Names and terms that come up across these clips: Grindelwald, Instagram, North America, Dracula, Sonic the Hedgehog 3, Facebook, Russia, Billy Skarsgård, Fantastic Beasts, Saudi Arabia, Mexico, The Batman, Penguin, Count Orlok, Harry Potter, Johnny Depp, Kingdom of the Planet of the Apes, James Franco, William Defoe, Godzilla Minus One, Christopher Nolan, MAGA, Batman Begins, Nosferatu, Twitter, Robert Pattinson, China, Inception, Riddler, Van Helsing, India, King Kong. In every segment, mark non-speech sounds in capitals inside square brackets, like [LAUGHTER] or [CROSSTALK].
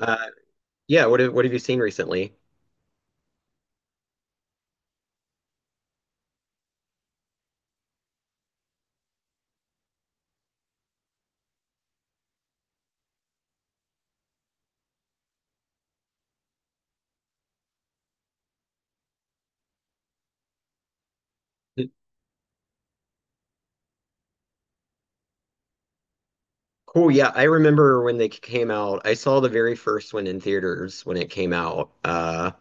Uh, yeah, what have you seen recently? Cool. Yeah, I remember when they came out. I saw the very first one in theaters when it came out. Uh,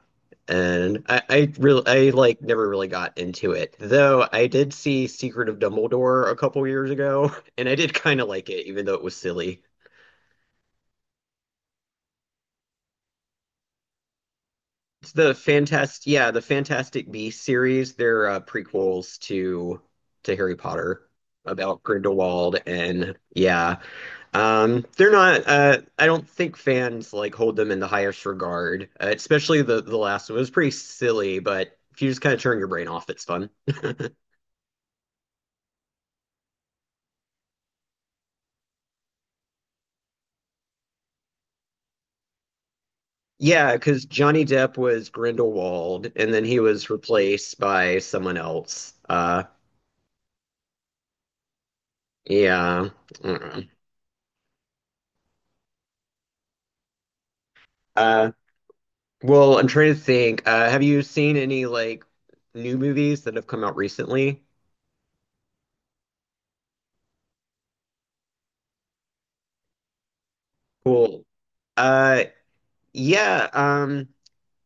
and I, I really, I like never really got into it. Though I did see Secret of Dumbledore a couple years ago, [LAUGHS] and I did kind of like it, even though it was silly. It's the Fantastic, yeah, the Fantastic Beasts series. They're prequels to Harry Potter about Grindelwald, and yeah. They're not. I don't think fans like hold them in the highest regard. Especially the last one, it was pretty silly, but if you just kind of turn your brain off, it's fun. Yeah, because Johnny Depp was Grindelwald, and then he was replaced by someone else. Yeah. Mm. Uh, well, I'm trying to think. Have you seen any like new movies that have come out recently? Cool. Uh, yeah.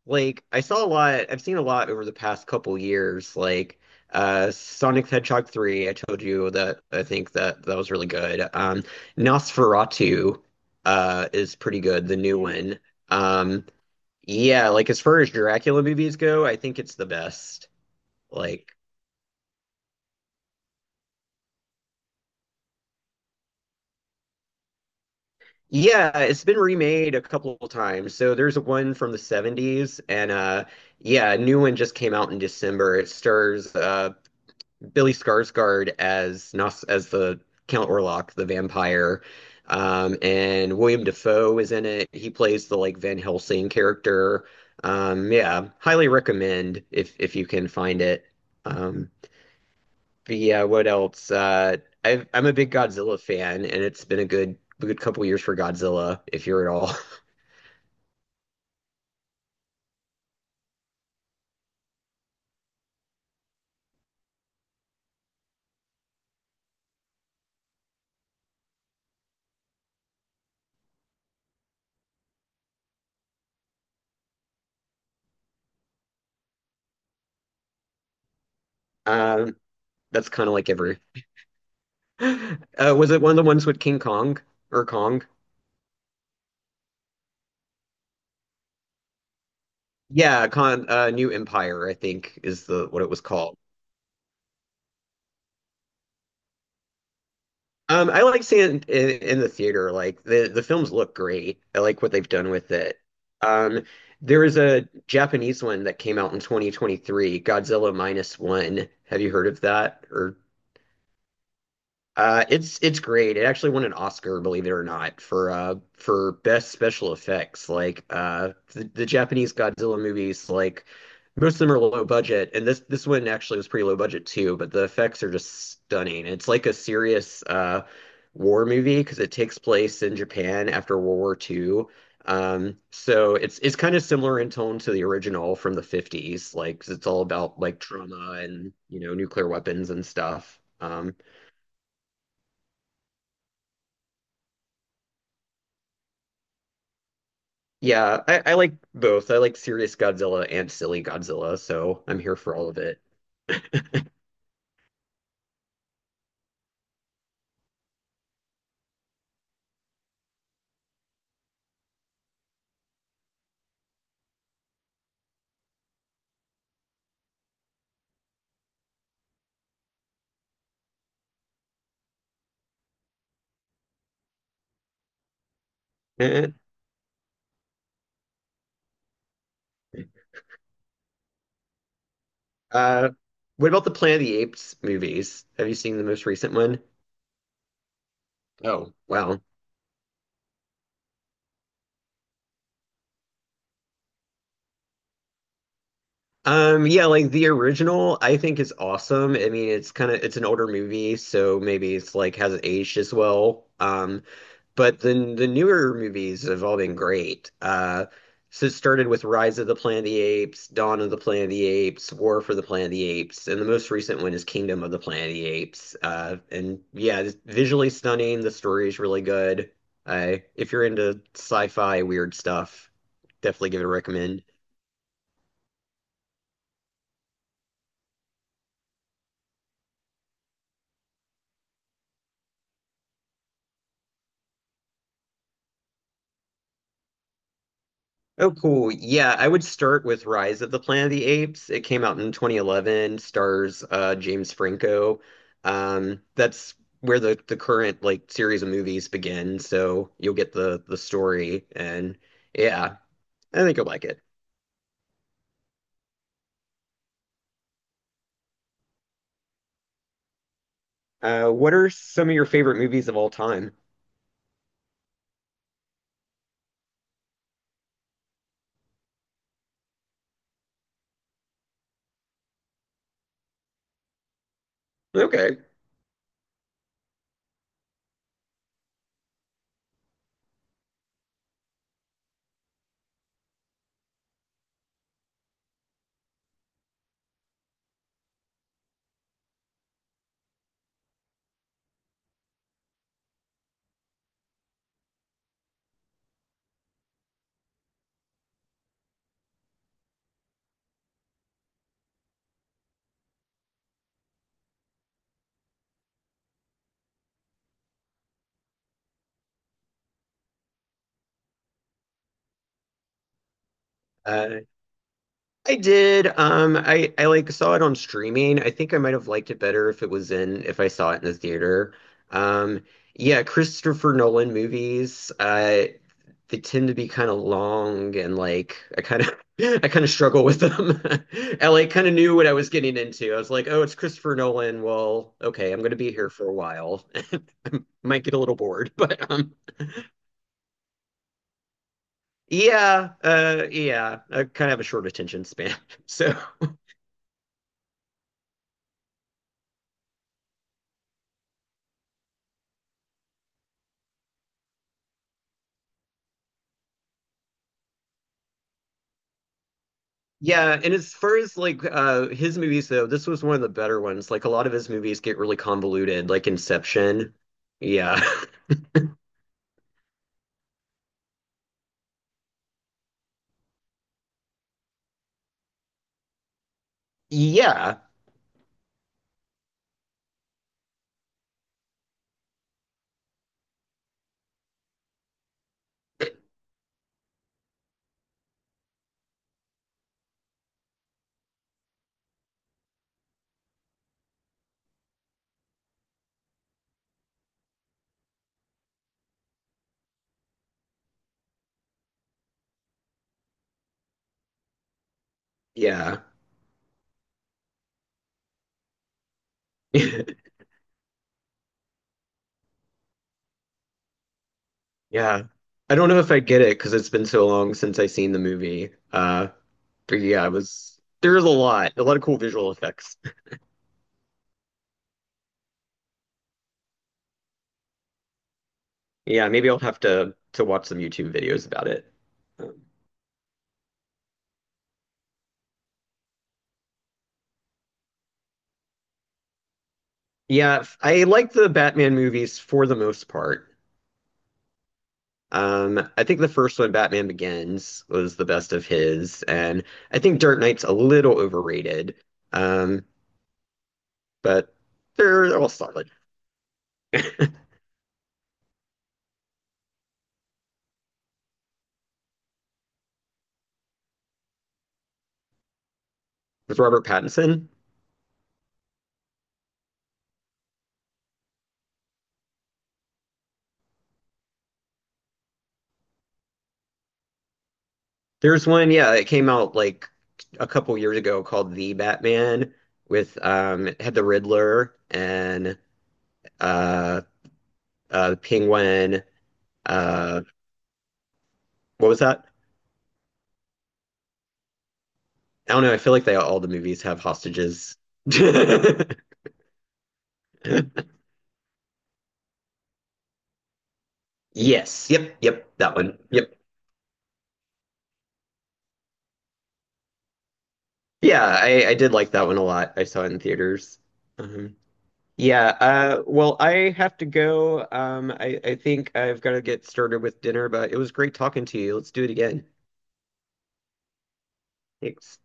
Like I saw a lot, I've seen a lot over the past couple years, like Sonic the Hedgehog 3, I told you that I think that that was really good. Nosferatu is pretty good, the new one. Um yeah, like as far as Dracula movies go, I think it's the best. Like yeah, it's been remade a couple of times. So there's one from the 70s, and yeah, a new one just came out in December. It stars Billy Skarsgård as Nos as the Count Orlok, the vampire. And William Defoe is in it. He plays the like Van Helsing character. Yeah, highly recommend if you can find it. Um, but yeah, what else? I'm a big Godzilla fan, and it's been a good couple years for Godzilla, if you're at all. [LAUGHS] Um, that's kind of like every. [LAUGHS] Was it one of the ones with King Kong or Kong? Yeah, Con New Empire, I think, is the what it was called. I like seeing it in the theater. Like the films look great. I like what they've done with it. Um, there was a Japanese one that came out in 2023, Godzilla Minus One. Have you heard of that? Or it's great. It actually won an Oscar, believe it or not, for best special effects. Like the Japanese Godzilla movies, like most of them are low budget, and this one actually was pretty low budget too. But the effects are just stunning. It's like a serious war movie because it takes place in Japan after World War II. So it's kind of similar in tone to the original from the 50s, like 'cause it's all about like trauma and you know nuclear weapons and stuff. Yeah, I like both. I like serious Godzilla and silly Godzilla, so I'm here for all of it. Eh. Uh, what about the Planet of the Apes movies? Have you seen the most recent one? Oh, wow. Yeah, like the original, I think is awesome. I mean, it's kind of it's an older movie, so maybe it's like hasn't aged as well. But the newer movies have all been great. So it started with Rise of the Planet of the Apes, Dawn of the Planet of the Apes, War for the Planet of the Apes, and the most recent one is Kingdom of the Planet of the Apes. And yeah, it's visually stunning. The story is really good. I if you're into sci-fi weird stuff, definitely give it a recommend. Oh, cool. Yeah, I would start with Rise of the Planet of the Apes. It came out in 2011, stars James Franco. That's where the current like series of movies begin, so you'll get the story, and yeah, I think you'll like it. What are some of your favorite movies of all time? Okay. I did. I like saw it on streaming. I think I might have liked it better if I saw it in the theater. Um, yeah, Christopher Nolan movies. They tend to be kind of long, and like I kind of [LAUGHS] I kind of struggle with them. [LAUGHS] I like kind of knew what I was getting into. I was like, oh, it's Christopher Nolan. Well, okay, I'm gonna be here for a while. [LAUGHS] Might get a little bored, [LAUGHS] but yeah, yeah, I kind of have a short attention span, [LAUGHS] so. Yeah, and as far as like his movies though, this was one of the better ones. Like a lot of his movies get really convoluted, like Inception. Yeah. [LAUGHS] Yeah. Yeah. [LAUGHS] Yeah. I don't know if I get it because it's been so long since I seen the movie. But yeah, it was there's a lot of cool visual effects. [LAUGHS] Yeah, maybe I'll have to watch some YouTube videos about it. Um, Yeah, I like the Batman movies for the most part. I think the first one, Batman Begins, was the best of his, and I think Dark Knight's a little overrated, um, but they're all solid. With Robert Pattinson, there's one, yeah, it came out like a couple years ago called The Batman, with it had the Riddler and uh, the Penguin. Uh, what was that? I don't know. I feel like they all the movies have hostages. [LAUGHS] Yes. Yep. Yep. That one. Yep. Yeah, I did like that one a lot. I saw it in theaters. Um, yeah, well, I have to go. I think I've got to get started with dinner, but it was great talking to you. Let's do it again. Thanks.